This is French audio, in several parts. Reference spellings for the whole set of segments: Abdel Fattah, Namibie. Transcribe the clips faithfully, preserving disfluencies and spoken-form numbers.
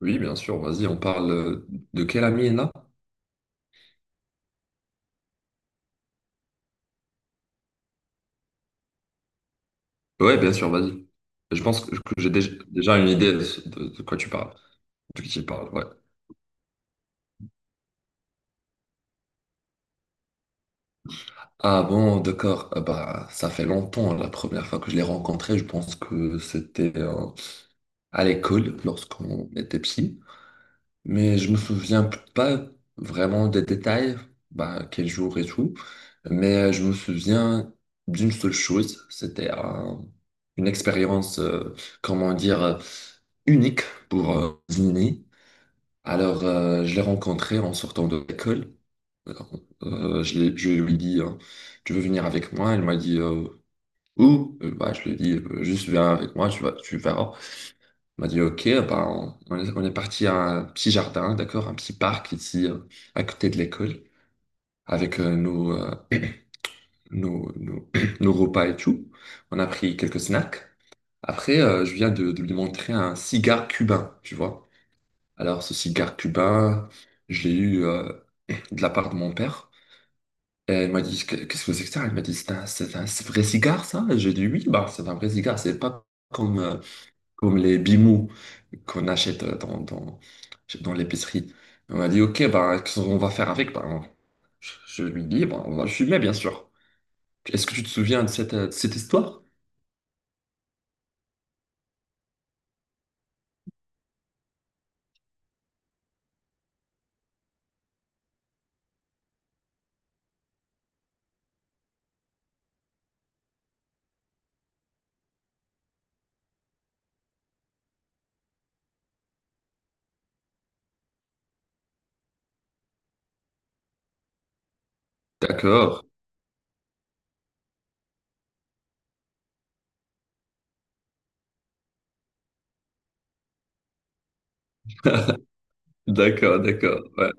Oui, bien sûr, vas-y, on parle euh, de quelle amie là? Ouais, bien sûr, vas-y. Je pense que que j'ai déj- déjà une idée de, ce- de- de quoi tu parles, de qui tu parles, ouais. Ah bon, d'accord. Euh, bah, ça fait longtemps, la première fois que je l'ai rencontré, je pense que c'était euh, à l'école, lorsqu'on était petit. Mais je me souviens p- pas vraiment des détails, bah, quel jour et tout. Mais euh, je me souviens d'une seule chose, c'était un- une expérience, euh, comment dire, euh, unique pour euh, Zini. Alors, euh, je l'ai rencontrée en sortant de l'école. Alors, euh, je, l'ai- je lui ai dit, euh, tu veux venir avec moi? Elle m'a dit, euh, où? Euh, Bah, je lui ai dit, euh, juste viens avec moi, tu vas, tu verras. On m'a dit, OK, bah, on, on est, on est parti à un petit jardin, d'accord, un petit parc ici, euh, à côté de l'école, avec euh, nos, euh, nos, nos, nos repas et tout. On a pris quelques snacks. Après, euh, je viens de, de lui montrer un cigare cubain, tu vois. Alors, ce cigare cubain, je l'ai eu euh, de la part de mon père. Et elle m'a dit, qu'est-ce que c'est que ça? Elle m'a dit, c'est un, c'est un vrai cigare, ça? J'ai dit, oui, bah, c'est un vrai cigare, c'est pas comme euh, comme les bimous qu'on achète euh, dans, dans, dans l'épicerie. On m'a dit, OK, ben, qu'est-ce qu'on va faire avec? Ben, je je lui dis, ben, on va le fumer, bien sûr. Est-ce que tu te souviens de cette, euh, de cette histoire? D'accord, d'accord, d'accord, ouais.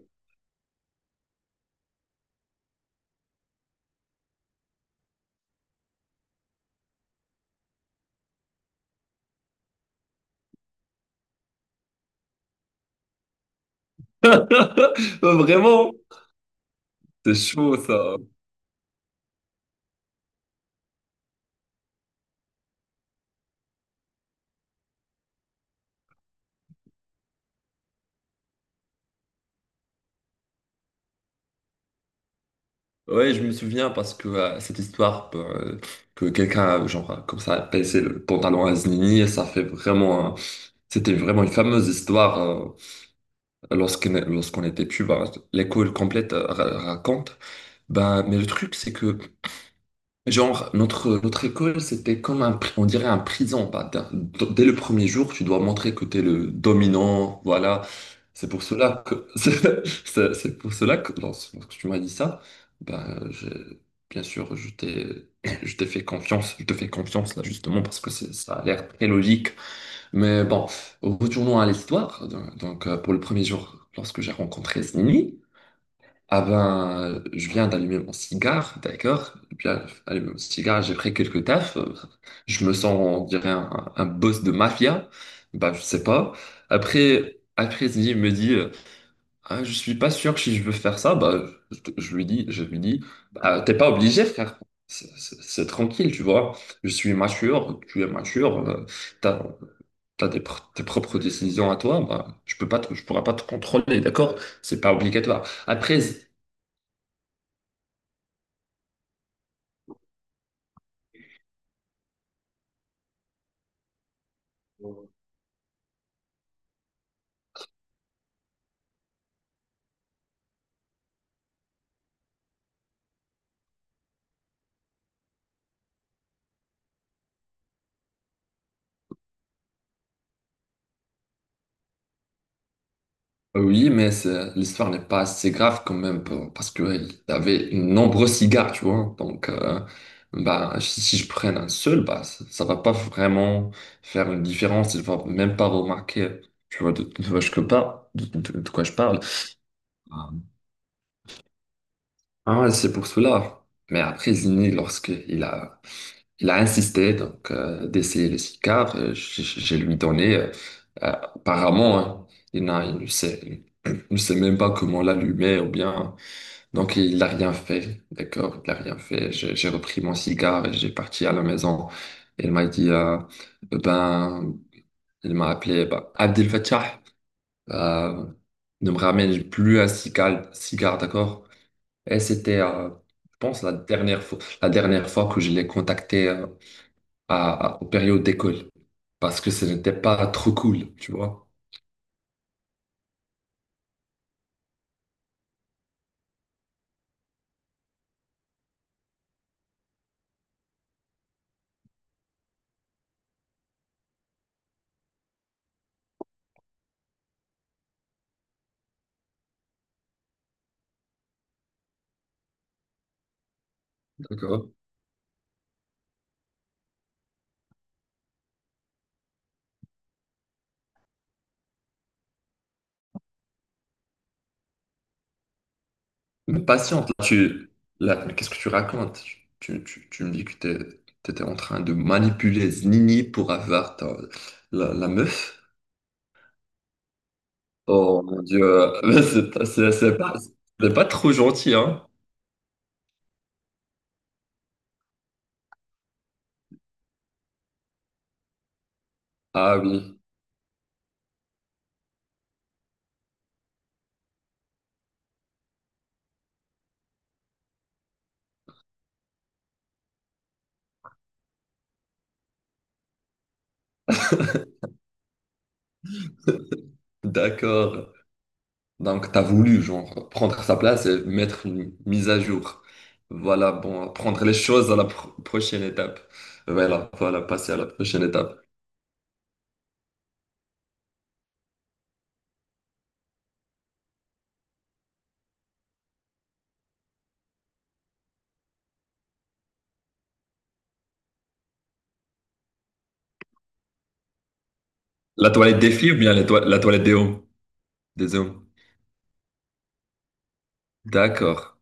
Vraiment, c'est chaud ça. Ouais, je me souviens parce que euh, cette histoire ben, euh, que quelqu'un, genre, euh, comme ça, a baissé le pantalon à Znini, ça fait vraiment. un- C'était vraiment une fameuse histoire euh, lorsqu'on lorsqu'on était plus bas, l'école complète euh, ra- raconte. Ben, mais le truc, c'est que, genre, notre, notre école, c'était comme un, pri- on dirait un prison. Ben, t'as- d- dès le premier jour, tu dois montrer que tu es le dominant, voilà. C'est pour cela que, c'est c'est- c'est pour cela que, lorsque lorsque tu m'as dit ça, ben, j'ai- bien sûr, je t'ai, je t'ai fait confiance, je te fais confiance, là, justement, parce que c'est- ça a l'air très logique. Mais bon, retournons à l'histoire. Donc, donc, euh, pour le premier jour, lorsque j'ai rencontré Slimmy, ah ben, euh, je viens d'allumer mon cigare, d'accord? Je viens d'allumer mon cigare, j'ai pris quelques taffes. euh, Je me sens, on dirait, un, un boss de mafia. Bah, je sais pas. Après, après Slimmy me dit, euh, ah, je suis pas sûr si je veux faire ça. Bah, je, je lui dis, je lui dis, bah, t'es pas obligé, frère. C'est c'est- c'est tranquille, tu vois. Je suis mature, tu es mature. euh, t'as des pr- Tes propres décisions à toi, bah, je peux pas te- je pourrais pas te contrôler, d'accord? C'est pas obligatoire. Après, z- euh, oui, mais c'est- l'histoire n'est pas assez grave quand même pour- parce qu'il avait de nombreux cigares, tu vois. Donc, euh, bah, si, si je prenne un seul, bah, ça, ça va pas vraiment faire une différence. Il va même pas remarquer, tu vois, de, de quoi je parle, de, de- de quoi je parle. Ah ouais, c'est pour cela. Mais après, Zini, lorsqu'il a il a insisté donc euh, d'essayer le cigare. Euh, Je, je- je lui donné. Apparemment, hein, il n'a, il ne sait, il ne sait même pas comment l'allumer ou bien. Donc il n'a rien fait. D'accord, il n'a rien fait. J'ai j'ai repris mon cigare et j'ai parti à la maison. Il m'a dit, euh, eh ben, il m'a appelé, eh ben, Abdel Fattah, euh, ne me ramène plus un cigare, cigare, d'accord? Et c'était, euh, je pense, la dernière fois, la dernière fois que je l'ai contacté. Euh, à, à- aux périodes d'école parce que ce n'était pas trop cool, tu vois. D'accord. Mais patiente, là, tu, là, mais qu'est-ce que tu racontes? Tu, tu, tu me dis que t'es- t'étais en train de manipuler Znini pour avoir ta- la, la meuf. Oh mon Dieu, c'est pas, c'est- c'est pas, c'est pas trop gentil, hein? Ah oui, d'accord. Donc, tu as voulu genre, prendre sa place et mettre une mise à jour. Voilà, bon, prendre les choses à la pro- prochaine étape. Voilà, voilà, passer à la prochaine étape. La toilette des filles ou bien la, toi- la toilette des hommes? Des hommes. D'accord,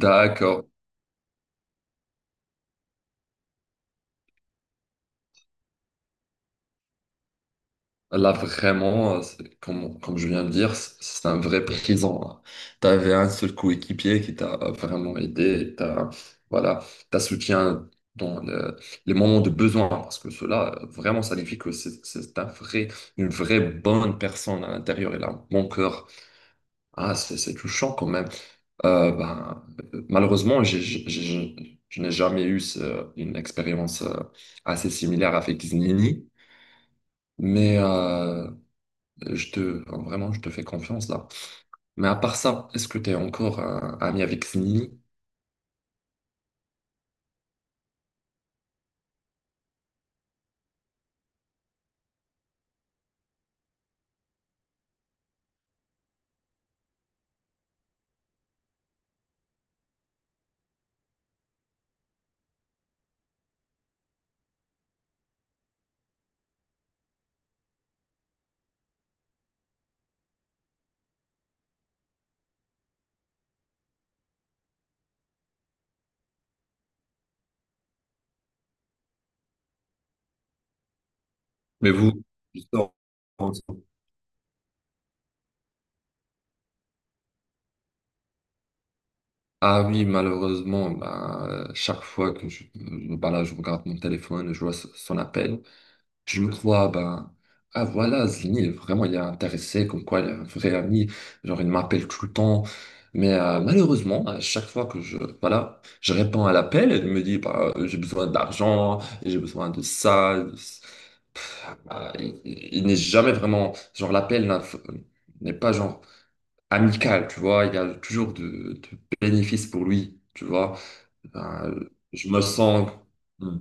d'accord. Là, vraiment, euh, c'est- comme, comme je viens de dire, c- c'est un vrai présent. Tu avais un seul coéquipier qui t'a vraiment aidé, et t'as, voilà, t'as soutien dans le- les moments de besoin, parce que cela, euh, vraiment, ça signifie que c'est c'est un vrai, une vraie bonne personne à l'intérieur, et là, mon cœur, ah, c'est c'est touchant quand même. Euh, ben, euh, Malheureusement, j'ai- j'ai- j'ai- je n'ai jamais eu ce- une expérience euh, assez similaire avec Znini. Mais euh, je te, enfin, vraiment, je te fais confiance là. Mais à part ça, est-ce que tu es encore euh, ami avec Snini? Mais vous, vous sortez ensemble. Ah oui, malheureusement, bah, euh, chaque fois que je, bah là, je regarde mon téléphone, je vois s- son appel, je me crois, bah, ah voilà, Zini vraiment, il est intéressé, comme quoi, il est un vrai ami, genre, il m'appelle tout le temps. Mais euh, malheureusement, à chaque fois que je, voilà, je réponds à l'appel, elle me dit, bah, euh, j'ai besoin d'argent, j'ai besoin de ça. Euh, il il n'est jamais vraiment, genre l'appel n'a- n'est pas genre amical, tu vois, il y a toujours de, de bénéfices pour lui, tu vois. Euh, je me sens, hmm.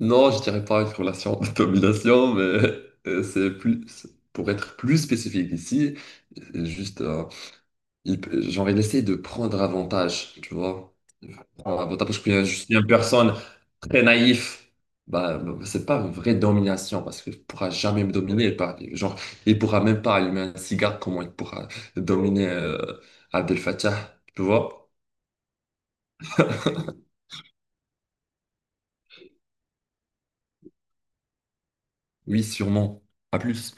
Non, je dirais pas une relation de domination, mais euh, c'est plus, pour être plus spécifique ici, c'est juste, euh, il, genre il essaie de prendre avantage, tu vois. Prendre avantage parce qu'il y a juste une personne très naïf, bah, c'est pas une vraie domination parce qu'il pourra jamais me dominer. Par, genre, il pourra même pas allumer un cigare, comment il pourra dominer euh, Abdel Fattah, tu vois? Oui, sûrement. À plus.